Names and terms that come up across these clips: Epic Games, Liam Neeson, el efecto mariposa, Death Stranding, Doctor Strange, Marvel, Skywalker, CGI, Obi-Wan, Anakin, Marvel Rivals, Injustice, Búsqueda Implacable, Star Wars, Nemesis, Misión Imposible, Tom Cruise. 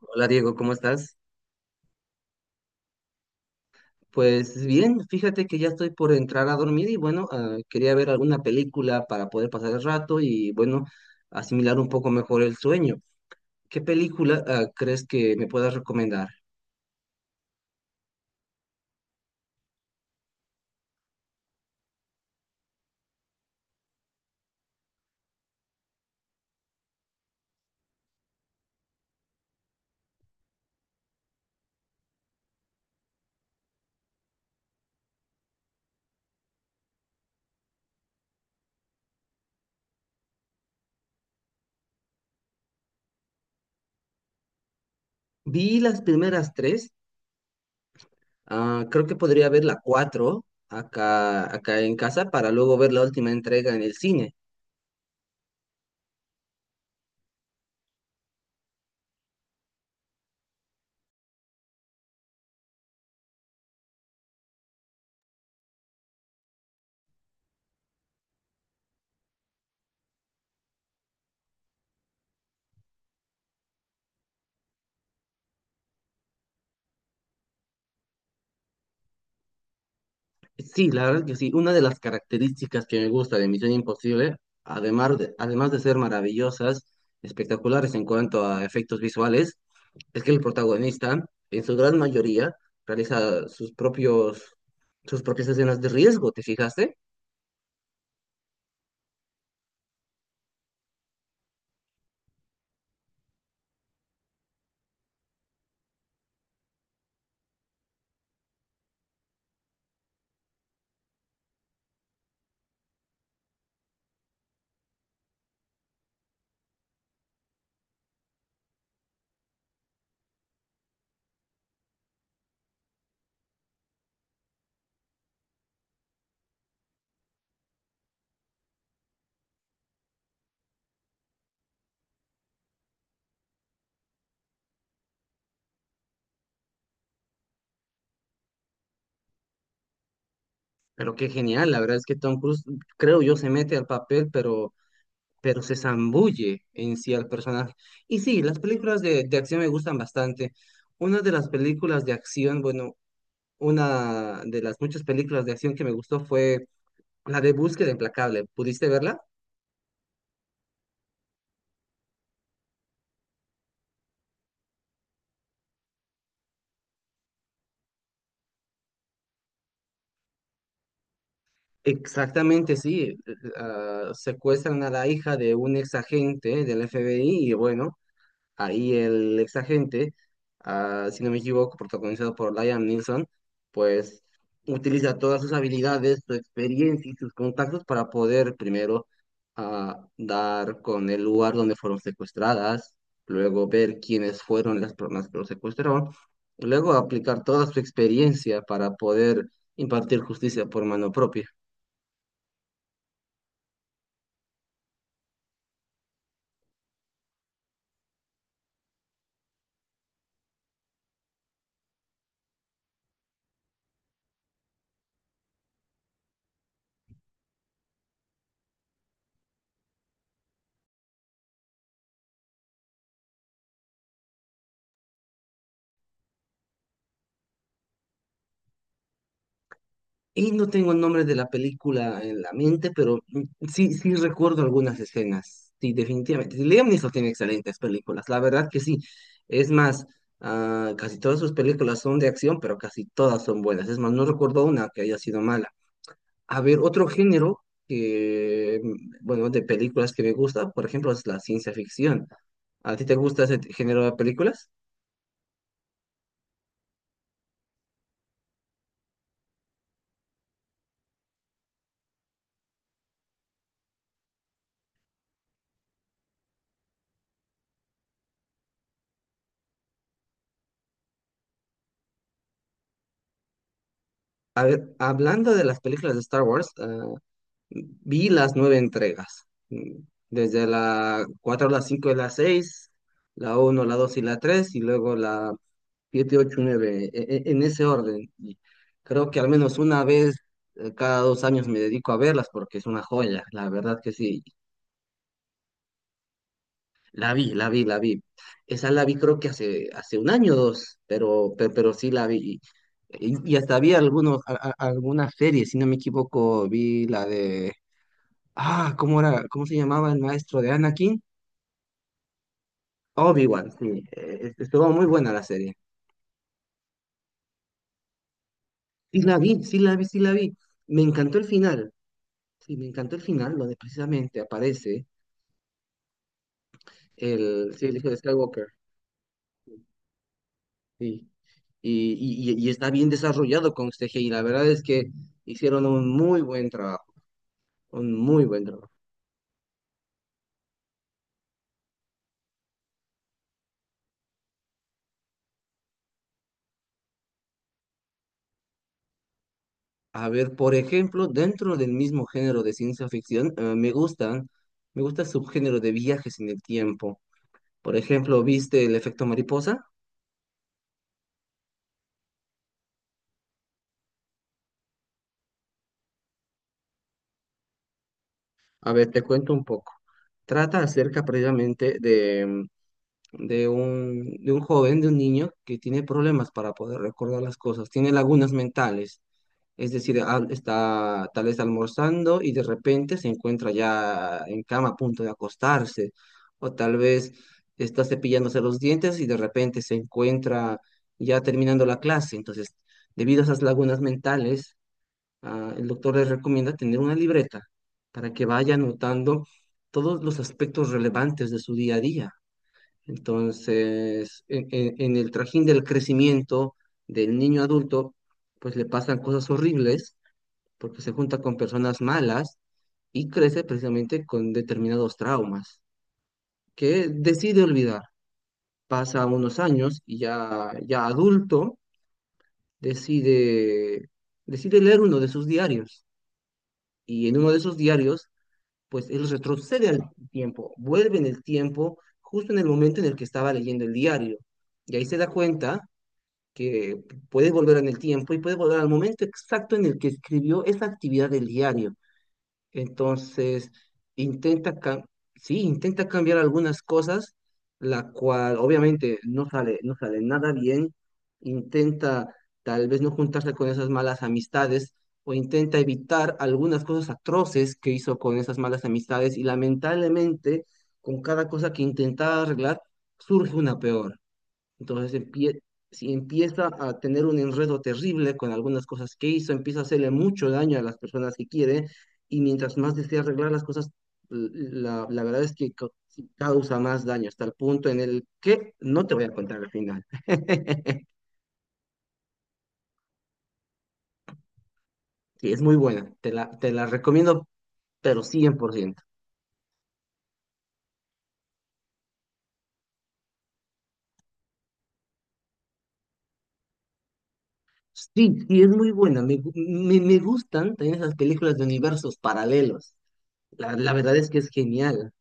Hola Diego, ¿cómo estás? Pues bien, fíjate que ya estoy por entrar a dormir y bueno, quería ver alguna película para poder pasar el rato y bueno, asimilar un poco mejor el sueño. ¿Qué película crees que me puedas recomendar? Vi las primeras tres, creo que podría ver la cuatro acá en casa para luego ver la última entrega en el cine. Sí, la verdad que sí. Una de las características que me gusta de Misión Imposible, además de ser maravillosas, espectaculares en cuanto a efectos visuales, es que el protagonista, en su gran mayoría, realiza sus propios, sus propias escenas de riesgo, ¿te fijaste? Pero qué genial, la verdad es que Tom Cruise, creo yo, se mete al papel, pero se zambulle en sí al personaje. Y sí, las películas de acción me gustan bastante. Una de las películas de acción, bueno, Una de las muchas películas de acción que me gustó fue la de Búsqueda Implacable. ¿Pudiste verla? Exactamente, sí. Secuestran a la hija de un ex agente del FBI y bueno, ahí el ex agente, si no me equivoco, protagonizado por Liam Neeson, pues utiliza todas sus habilidades, su experiencia y sus contactos para poder primero dar con el lugar donde fueron secuestradas, luego ver quiénes fueron las personas que lo secuestraron, luego aplicar toda su experiencia para poder impartir justicia por mano propia. Y no tengo el nombre de la película en la mente, pero sí, sí recuerdo algunas escenas. Sí, definitivamente. Sí, Liam Neeson tiene excelentes películas, la verdad que sí. Es más, casi todas sus películas son de acción, pero casi todas son buenas. Es más, no recuerdo una que haya sido mala. A ver, otro género que, bueno, de películas que me gusta, por ejemplo, es la ciencia ficción. ¿A ti te gusta ese género de películas? A ver, hablando de las películas de Star Wars, vi las nueve entregas, mm, desde la 4 a la 5 de la 6, la uno, la 2 y la 3 y luego la 7, 8, 9, en ese orden. Y creo que al menos una vez cada dos años me dedico a verlas porque es una joya, la verdad que sí. La vi. Esa la vi creo que hace un año o dos, pero, sí la vi. Y hasta vi algunos, alguna serie, si no me equivoco, vi la de... Ah, ¿cómo era? ¿Cómo se llamaba el maestro de Anakin? Obi-Wan, sí. Estuvo muy buena la serie. Sí la vi. Me encantó el final. Sí, me encantó el final, donde precisamente aparece el, sí, el hijo de Skywalker. Sí. Y está bien desarrollado con este CGI. La verdad es que hicieron un muy buen trabajo. Un muy buen trabajo. A ver, por ejemplo, dentro del mismo género de ciencia ficción, me gusta el subgénero de viajes en el tiempo. Por ejemplo, ¿viste el efecto mariposa? A ver, te cuento un poco. Trata acerca precisamente de un joven, de un niño que tiene problemas para poder recordar las cosas, tiene lagunas mentales. Es decir, está tal vez almorzando y de repente se encuentra ya en cama a punto de acostarse. O tal vez está cepillándose los dientes y de repente se encuentra ya terminando la clase. Entonces, debido a esas lagunas mentales, el doctor les recomienda tener una libreta para que vaya anotando todos los aspectos relevantes de su día a día. Entonces, en el trajín del crecimiento del niño adulto, pues le pasan cosas horribles porque se junta con personas malas y crece precisamente con determinados traumas que decide olvidar. Pasa unos años y ya, ya adulto decide, decide leer uno de sus diarios. Y en uno de esos diarios pues él retrocede al tiempo, vuelve en el tiempo justo en el momento en el que estaba leyendo el diario. Y ahí se da cuenta que puede volver en el tiempo y puede volver al momento exacto en el que escribió esa actividad del diario. Entonces, intenta, cam- sí, intenta cambiar algunas cosas, la cual obviamente no sale nada bien. Intenta tal vez no juntarse con esas malas amistades o intenta evitar algunas cosas atroces que hizo con esas malas amistades y lamentablemente con cada cosa que intentaba arreglar surge una peor. Entonces empie- si empieza a tener un enredo terrible con algunas cosas que hizo, empieza a hacerle mucho daño a las personas que quiere y mientras más desea arreglar las cosas, la verdad es que causa más daño hasta el punto en el que no te voy a contar al final. Sí, es muy buena, te la recomiendo, pero 100%. Sí, sí, es muy buena, me gustan también esas películas de universos paralelos. La verdad es que es genial.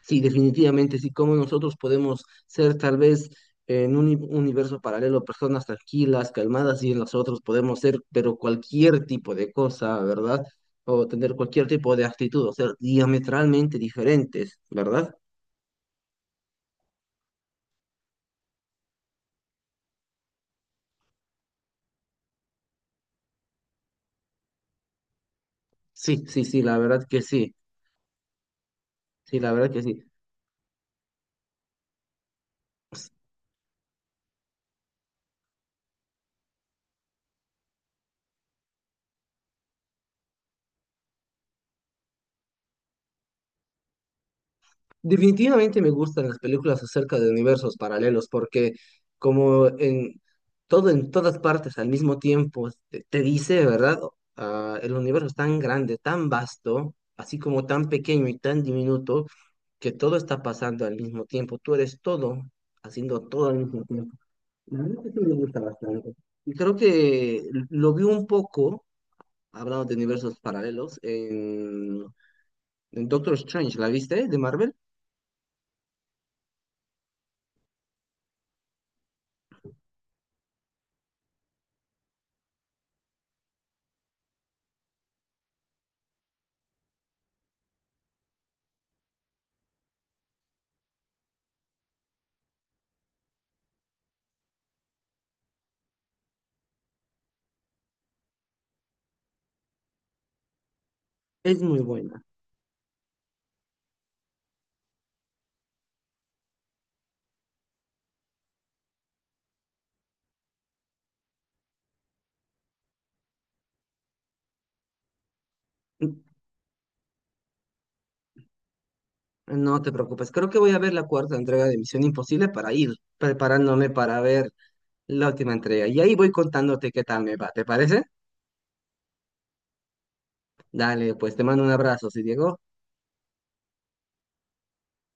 Sí, definitivamente, sí, como nosotros podemos ser tal vez en un universo paralelo personas tranquilas, calmadas, y en nosotros podemos ser, pero cualquier tipo de cosa, ¿verdad? O tener cualquier tipo de actitud, o ser diametralmente diferentes, ¿verdad? Sí, sí, sí, la verdad que sí, sí, la verdad que sí. Definitivamente me gustan las películas acerca de universos paralelos porque como en todo en todas partes al mismo tiempo te dice, ¿verdad? Ah, el universo es tan grande, tan vasto, así como tan pequeño y tan diminuto que todo está pasando al mismo tiempo. Tú eres todo, haciendo todo al mismo tiempo. La verdad que sí me gusta bastante. Y creo que lo vi un poco, hablando de universos paralelos, en Doctor Strange, ¿la viste? De Marvel. Es muy buena. No te preocupes, creo que voy a ver la cuarta entrega de Misión Imposible para ir preparándome para ver la última entrega. Y ahí voy contándote qué tal me va, ¿te parece? Dale, pues te mando un abrazo, sí Diego.